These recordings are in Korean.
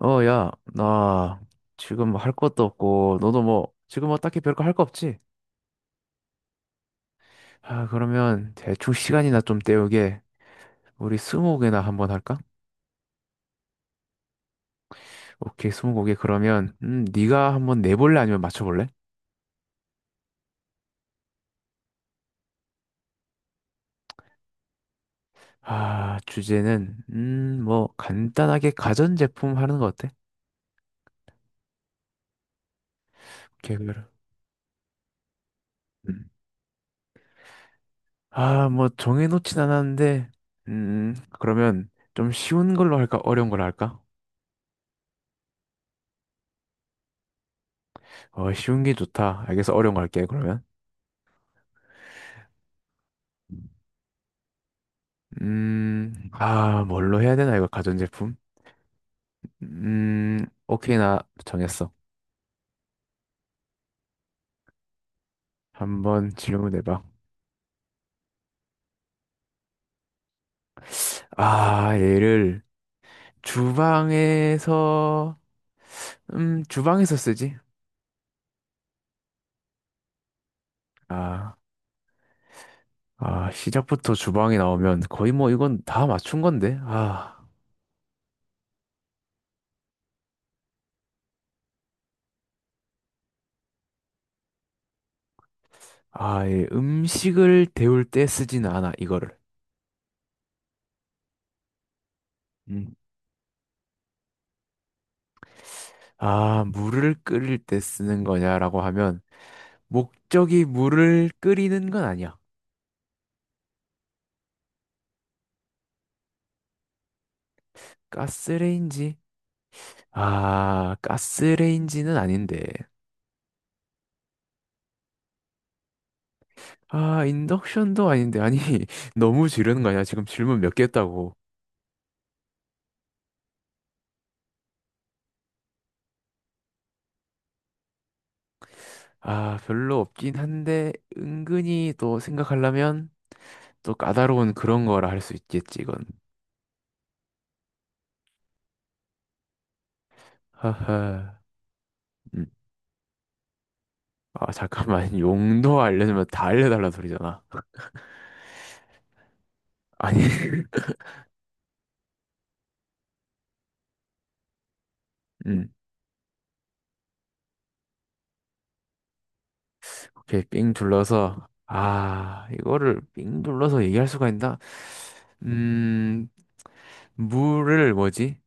어, 야, 나 지금 뭐 할 것도 없고, 너도 뭐, 지금 뭐 딱히 별거 할 거 없지? 아, 그러면 대충 시간이나 좀 때우게, 우리 스무고개나 한번 할까? 오케이, 스무고개 그러면, 네가 한번 내볼래? 아니면 맞춰볼래? 아, 주제는, 뭐, 간단하게 가전제품 하는 거 어때? 오케이, 그래. 음. 아, 뭐, 정해놓진 않았는데, 그러면 좀 쉬운 걸로 할까? 어려운 걸로 할까? 어, 쉬운 게 좋다. 알겠어, 어려운 거 할게, 그러면. 아, 뭘로 해야 되나, 이거, 가전제품? 오케이, 나 정했어. 한번 질문해봐. 아, 얘를 주방에서, 주방에서 쓰지? 아, 아, 시작부터 주방이 나오면 거의 뭐 이건 다 맞춘 건데? 아, 아, 예, 음식을 데울 때 쓰진 않아, 이거를. 음. 아, 물을 끓일 때 쓰는 거냐라고 하면, 목적이 물을 끓이는 건 아니야. 가스레인지. 아, 가스레인지는 아닌데. 아, 인덕션도 아닌데. 아니, 너무 지르는 거 아니야? 지금 질문 몇 개 했다고. 아, 별로 없긴 한데, 은근히 또 생각하려면 또 까다로운 그런 거라 할 수 있겠지, 이건. 하하. 음. 아, 잠깐만. 용도 알려주면 다 알려달라는 소리잖아. 아니, 음. 오케이, 삥 둘러서. 아, 이거를 삥 둘러서 얘기할 수가 있나? 음, 물을 뭐지?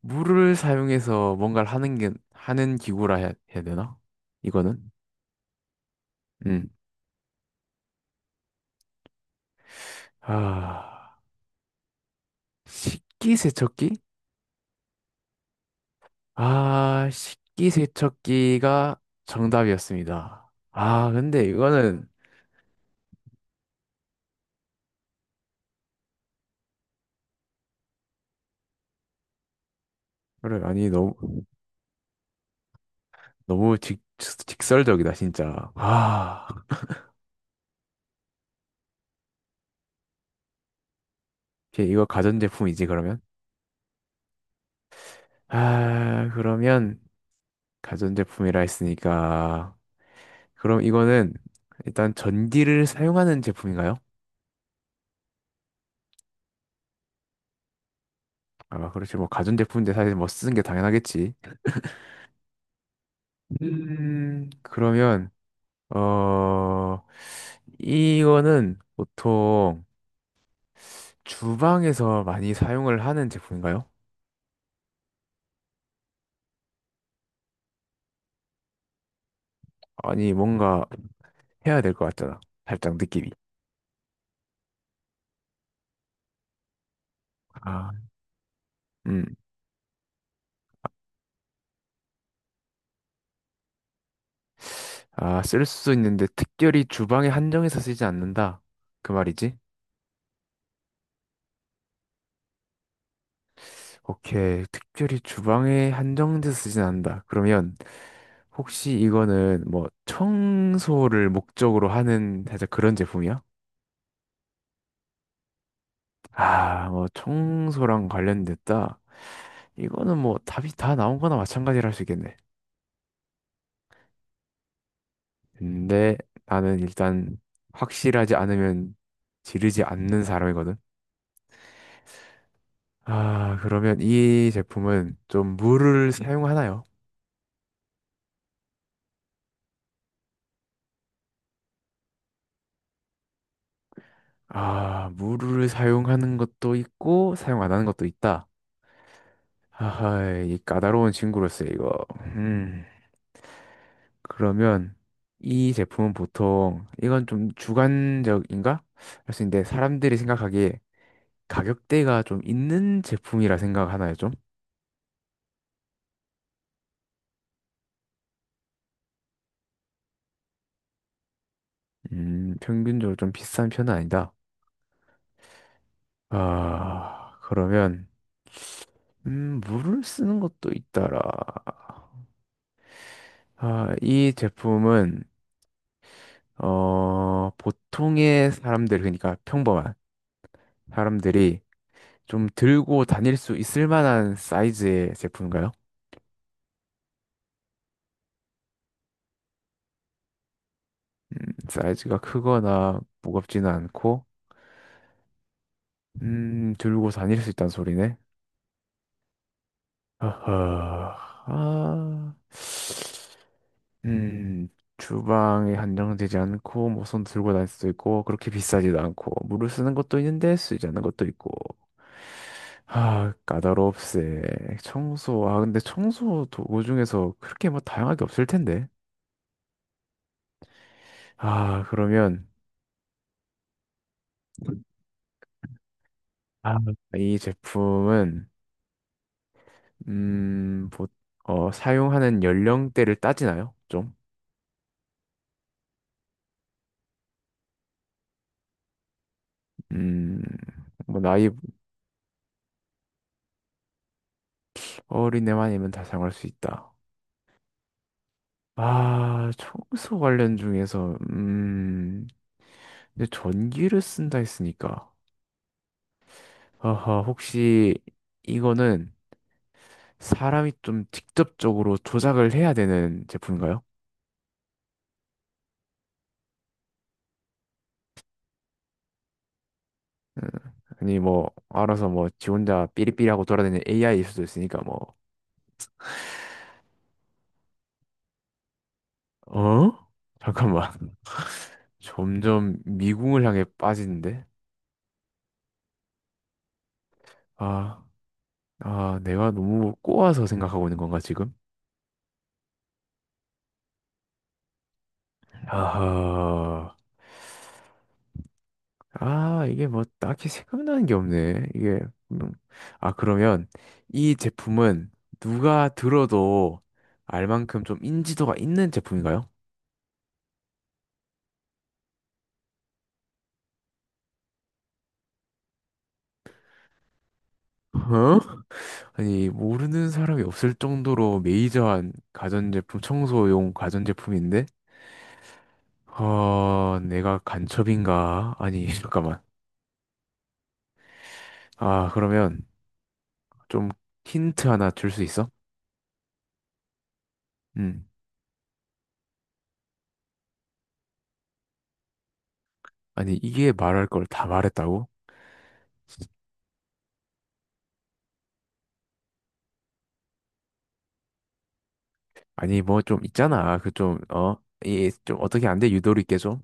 물을 사용해서 뭔가를 하는 게, 하는 기구라 해야, 해야 되나? 이거는? 음. 아, 식기세척기? 아, 식기세척기가 정답이었습니다. 아, 근데 이거는, 그래, 아니, 너무, 너무 직, 직설적이다, 진짜. 아, 오케이, 이거 가전제품이지, 그러면? 아, 그러면, 가전제품이라 했으니까. 그럼 이거는, 일단 전기를 사용하는 제품인가요? 아, 그렇지. 뭐, 가전제품인데 사실 뭐 쓰는 게 당연하겠지. 그러면, 어, 이거는 보통 주방에서 많이 사용을 하는 제품인가요? 아니, 뭔가 해야 될 것 같잖아. 살짝 느낌이. 아, 음. 아, 쓸 수 있는데 특별히 주방에 한정해서 쓰지 않는다. 그 말이지? 오케이. 특별히 주방에 한정돼서 쓰진 않는다. 그러면 혹시 이거는 뭐 청소를 목적으로 하는 살짝 그런 제품이야? 아, 뭐 청소랑 관련됐다. 이거는 뭐 답이 다 나온 거나 마찬가지라 할 수 있겠네. 근데 나는 일단 확실하지 않으면 지르지 않는 사람이거든. 아, 그러면 이 제품은 좀 물을 사용하나요? 아, 물을 사용하는 것도 있고 사용 안 하는 것도 있다. 하하, 이 까다로운 친구로서 이거. 음, 그러면 이 제품은 보통 이건 좀 주관적인가? 할 수 있는데 사람들이 생각하기에 가격대가 좀 있는 제품이라 생각하나요, 좀? 평균적으로 좀 비싼 편은 아니다. 아, 그러면 물을 쓰는 것도 있더라. 아, 이 제품은 어, 보통의 사람들 그러니까 평범한 사람들이 좀 들고 다닐 수 있을 만한 사이즈의 제품인가요? 음, 사이즈가 크거나 무겁지는 않고, 들고 다닐 수 있다는 소리네. 아하, 아, 음, 주방에 한정되지 않고, 뭐 손 들고 다닐 수도 있고, 그렇게 비싸지도 않고, 물을 쓰는 것도 있는데 쓰지 않는 것도 있고. 아, 까다롭세. 청소, 아, 근데 청소 도구 중에서 그렇게 뭐 다양하게 없을 텐데. 아, 그러면, 아, 이 제품은 음, 보, 어, 사용하는 연령대를 따지나요? 좀? 음, 뭐 나이 어린애만 이면 다 사용할 수 있다. 아, 청소 관련 중에서 근데 전기를 쓴다 했으니까. 아하, 혹시 이거는 사람이 좀 직접적으로 조작을 해야 되는 제품인가요? 음, 아니 뭐 알아서 뭐 지 혼자 삐리삐리하고 돌아다니는 AI일 수도 있으니까 뭐 어? 잠깐만 점점 미궁을 향해 빠지는데? 아, 아, 내가 너무 꼬아서 생각하고 있는 건가, 지금? 아하. 아, 이게 뭐 딱히 생각나는 게 없네. 이게, 음. 아, 그러면 이 제품은 누가 들어도 알 만큼 좀 인지도가 있는 제품인가요? 어? 아니, 모르는 사람이 없을 정도로 메이저한 가전제품, 청소용 가전제품인데? 어, 내가 간첩인가? 아니, 잠깐만. 아, 그러면 좀 힌트 하나 줄 수 있어? 음. 아니, 이게 말할 걸 다 말했다고? 아니, 뭐 좀 있잖아. 그 좀, 어? 이 좀 어떻게 안 돼? 유도리 있게 좀?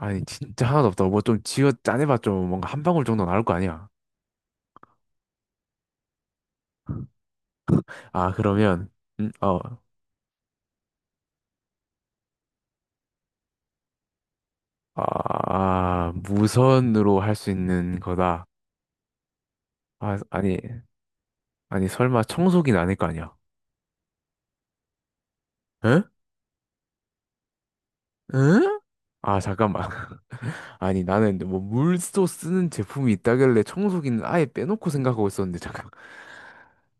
아니, 진짜 하나도 없다고. 뭐 좀 지어 짜내봐 좀 뭔가 한 방울 정도 나올 거 아니야. 아, 그러면, 어, 아, 무선으로 할 수 있는 거다. 아, 아니, 아니, 설마 청소기는 아닐 거 아니야? 에? 응? 아, 잠깐만. 아니, 나는 뭐 물도 쓰는 제품이 있다길래 청소기는 아예 빼놓고 생각하고 있었는데, 잠깐.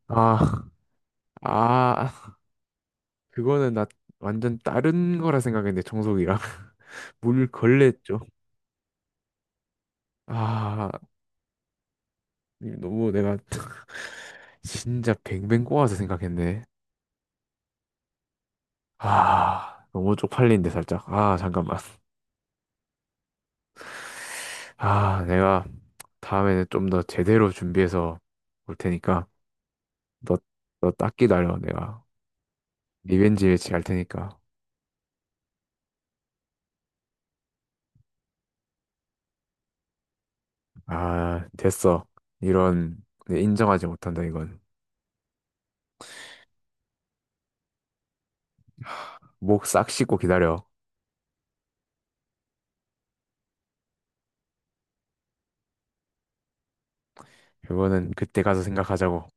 아, 아, 그거는 나 완전 다른 거라 생각했는데, 청소기랑. 물 걸레 죠 아, 너무 내가 진짜 뱅뱅 꼬아서 생각했네. 아, 너무 쪽팔리는데, 살짝. 아, 잠깐만. 아, 내가 다음에는 좀 더 제대로 준비해서 올 테니까, 너, 너 딱 기다려, 내가. 리벤지 매치 갈 테니까. 아, 됐어. 이런, 네, 인정하지 못한다, 이건. 목 싹 씻고 기다려. 이거는 그때 가서 생각하자고.